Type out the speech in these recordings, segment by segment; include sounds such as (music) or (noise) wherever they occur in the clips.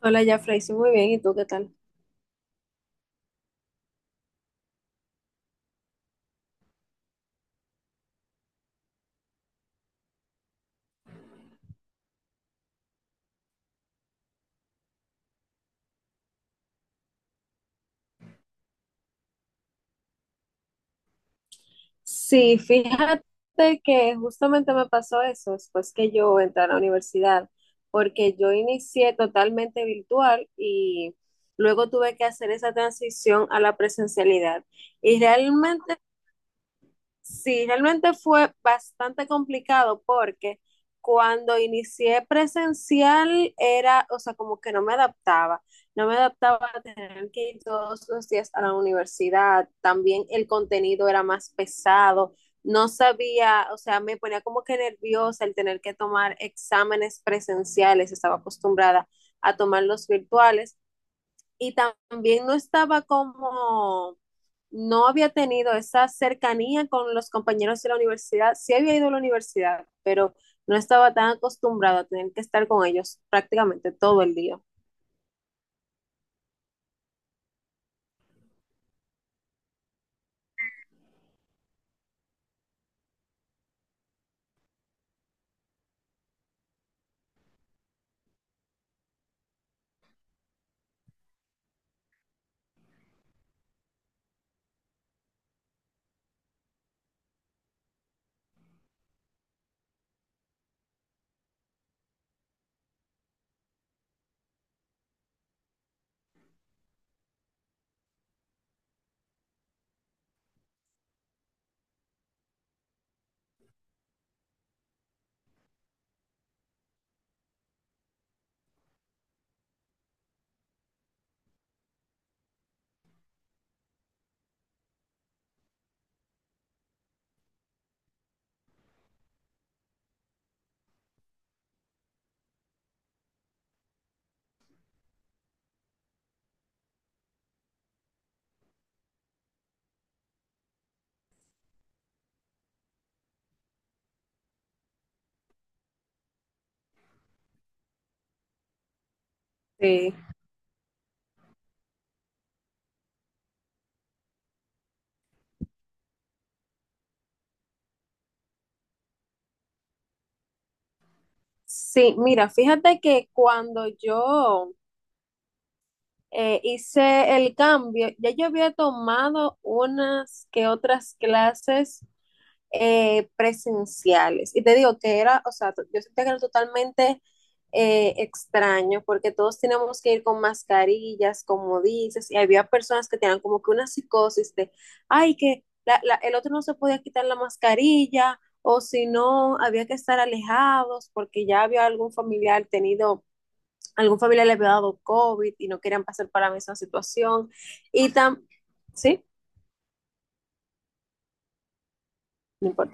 Hola, ya, hice muy bien. ¿Y tú qué tal? Sí, fíjate que justamente me pasó eso después que yo entré a la universidad, porque yo inicié totalmente virtual y luego tuve que hacer esa transición a la presencialidad. Y realmente Sí, realmente fue bastante complicado porque cuando inicié presencial era, o sea, como que no me adaptaba a tener que ir todos los días a la universidad, también el contenido era más pesado, no sabía, o sea, me ponía como que nerviosa el tener que tomar exámenes presenciales, estaba acostumbrada a tomar los virtuales y también no estaba como, no había tenido esa cercanía con los compañeros de la universidad. Sí había ido a la universidad, pero no estaba tan acostumbrado a tener que estar con ellos prácticamente todo el día. Sí, sí, mira, fíjate que cuando yo hice el cambio, ya yo había tomado unas que otras clases presenciales. Y te digo que era, o sea, yo sentía que era totalmente extraño porque todos teníamos que ir con mascarillas, como dices, y había personas que tenían como que una psicosis de, ay, que el otro no se podía quitar la mascarilla o si no, había que estar alejados porque ya había algún familiar tenido, algún familiar le había dado COVID y no querían pasar para la misma situación. Y tam, ¿Sí? No importa.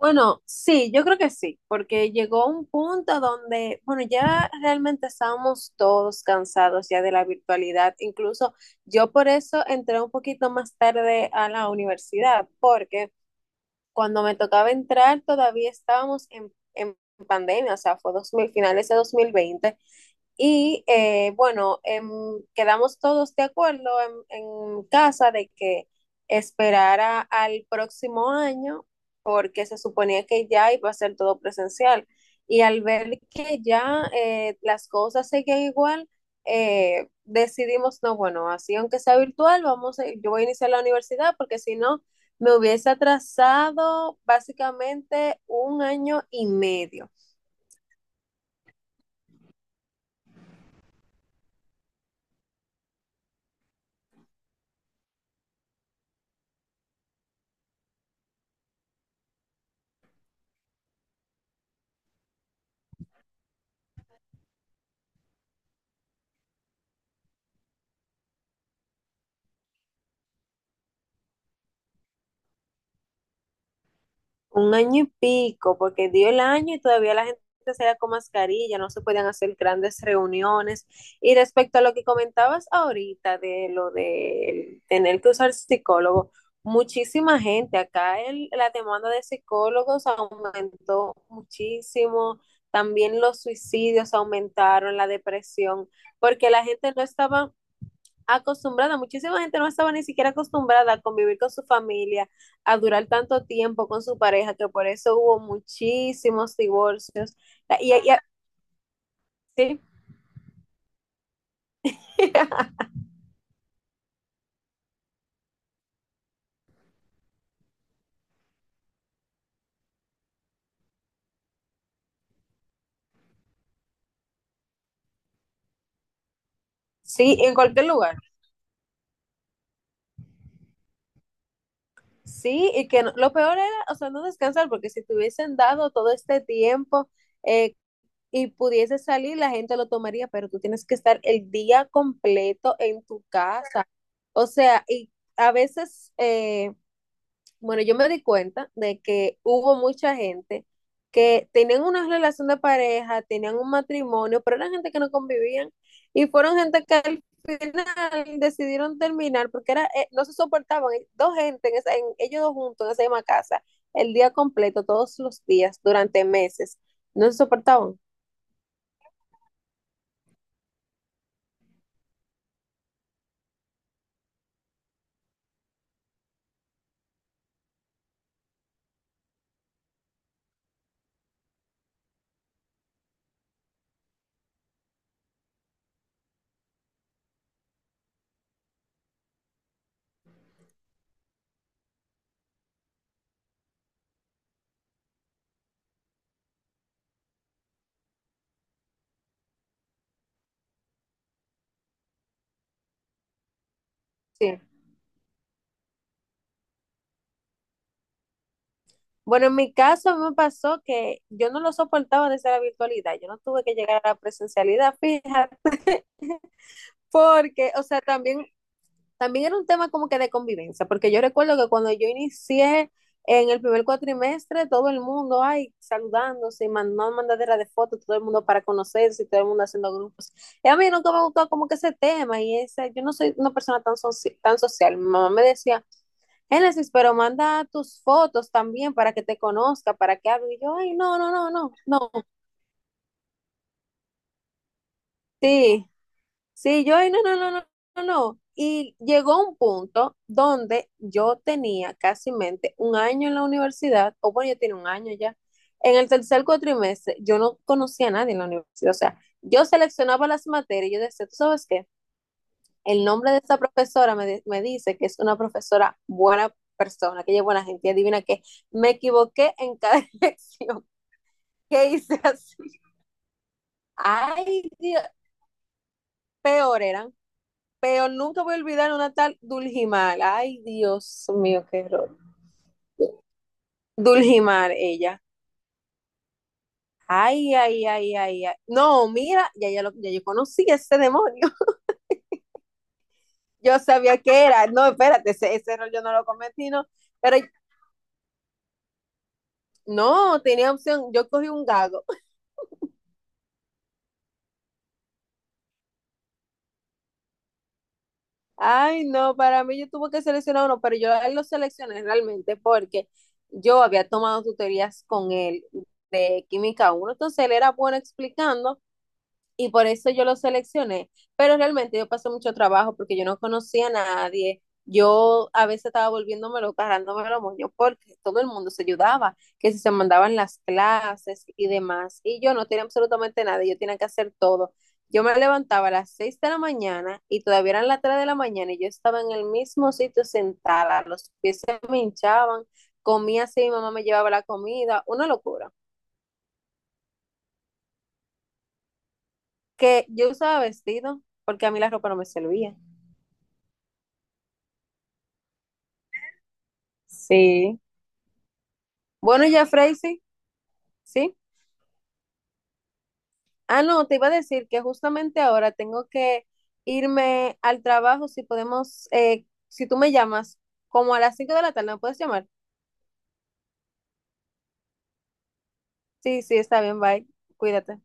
Bueno, sí, yo creo que sí, porque llegó un punto donde, bueno, ya realmente estábamos todos cansados ya de la virtualidad. Incluso yo por eso entré un poquito más tarde a la universidad, porque cuando me tocaba entrar todavía estábamos en, pandemia, o sea, fue 2000 finales de 2020. Y bueno, quedamos todos de acuerdo en, casa de que esperara al próximo año porque se suponía que ya iba a ser todo presencial. Y al ver que ya las cosas seguían igual, decidimos, no, bueno, así aunque sea virtual, yo voy a iniciar la universidad porque si no, me hubiese atrasado básicamente un año y medio. Un año y pico, porque dio el año y todavía la gente salía con mascarilla, no se podían hacer grandes reuniones. Y respecto a lo que comentabas ahorita de lo de tener que usar psicólogo, muchísima gente, acá el- la demanda de psicólogos aumentó muchísimo, también los suicidios aumentaron, la depresión, porque la gente no estaba acostumbrada, muchísima gente no estaba ni siquiera acostumbrada a convivir con su familia, a durar tanto tiempo con su pareja, que por eso hubo muchísimos divorcios. Y, y- y- sí. (laughs) Sí, en cualquier lugar. Sí, y que no- lo peor era, o sea, no descansar, porque si te hubiesen dado todo este tiempo eh, y pudiese salir, la gente lo tomaría, pero tú tienes que estar el día completo en tu casa. O sea, y a veces... bueno, yo me di cuenta de que hubo mucha gente que tenían una relación de pareja, tenían un matrimonio, pero eran gente que no convivían y fueron gente que al final decidieron terminar porque era, no se soportaban. Dos gente, ellos dos juntos en esa misma casa, el día completo, todos los días, durante meses, no se soportaban. Sí. Bueno, en mi caso a mí me pasó que yo no lo soportaba desde la virtualidad, yo no tuve que llegar a la presencialidad, fíjate. (laughs) Porque, o sea, también era un tema como que de convivencia, porque yo recuerdo que cuando yo inicié en el primer cuatrimestre, todo el mundo, ay, saludándose, y mandando mandadera de fotos, todo el mundo para conocerse, y todo el mundo haciendo grupos. Y a mí nunca me gustó como que ese tema, y ese, yo no soy una persona tan social. Mi mamá me decía, Génesis, pero manda tus fotos también para que te conozca, para que hable. Y yo, ay, no, no, no, no, no, sí. Sí, yo, "Ay, no, no, no, no, no, no". Y llegó un punto donde yo tenía casi mente un año en la universidad, o bueno, yo tenía un año ya. En el tercer cuatrimestre, yo no conocía a nadie en la universidad. O sea, yo seleccionaba las materias y yo decía, ¿tú sabes qué? El nombre de esta profesora me dice que es una profesora buena persona, que ella es buena gente. Y adivina qué, me equivoqué en cada (laughs) elección. ¿Qué hice así? Ay, Dios, peor eran. Pero nunca voy a olvidar una tal Dulgimar. Ay, Dios mío, qué error. Dulgimar, ella. Ay, ay, ay, ay, ay. No, mira, ya, ya, lo, ya yo conocí ese demonio. (laughs) Yo sabía que era. No, espérate, ese, error yo no lo cometí, no. Pero no, tenía opción. Yo cogí un gago. Ay, no, para mí yo tuve que seleccionar uno, pero yo a él lo seleccioné realmente porque yo había tomado tutorías con él de química uno, entonces él era bueno explicando y por eso yo lo seleccioné. Pero realmente yo pasé mucho trabajo porque yo no conocía a nadie. Yo a veces estaba volviéndome volviéndomelo, cargándome los moños porque todo el mundo se ayudaba, que si se mandaban las clases y demás. Y yo no tenía absolutamente nada, yo tenía que hacer todo. Yo me levantaba a las 6 de la mañana y todavía eran las 3 de la mañana y yo estaba en el mismo sitio sentada, los pies se me hinchaban, comía así, mi mamá me llevaba la comida, una locura. Que yo usaba vestido porque a mí la ropa no me servía. Sí. Bueno, ya, Freisy, sí. Ah, no, te iba a decir que justamente ahora tengo que irme al trabajo. Si podemos, si tú me llamas, como a las 5 de la tarde, ¿me puedes llamar? Sí, sí, está bien, bye. Cuídate.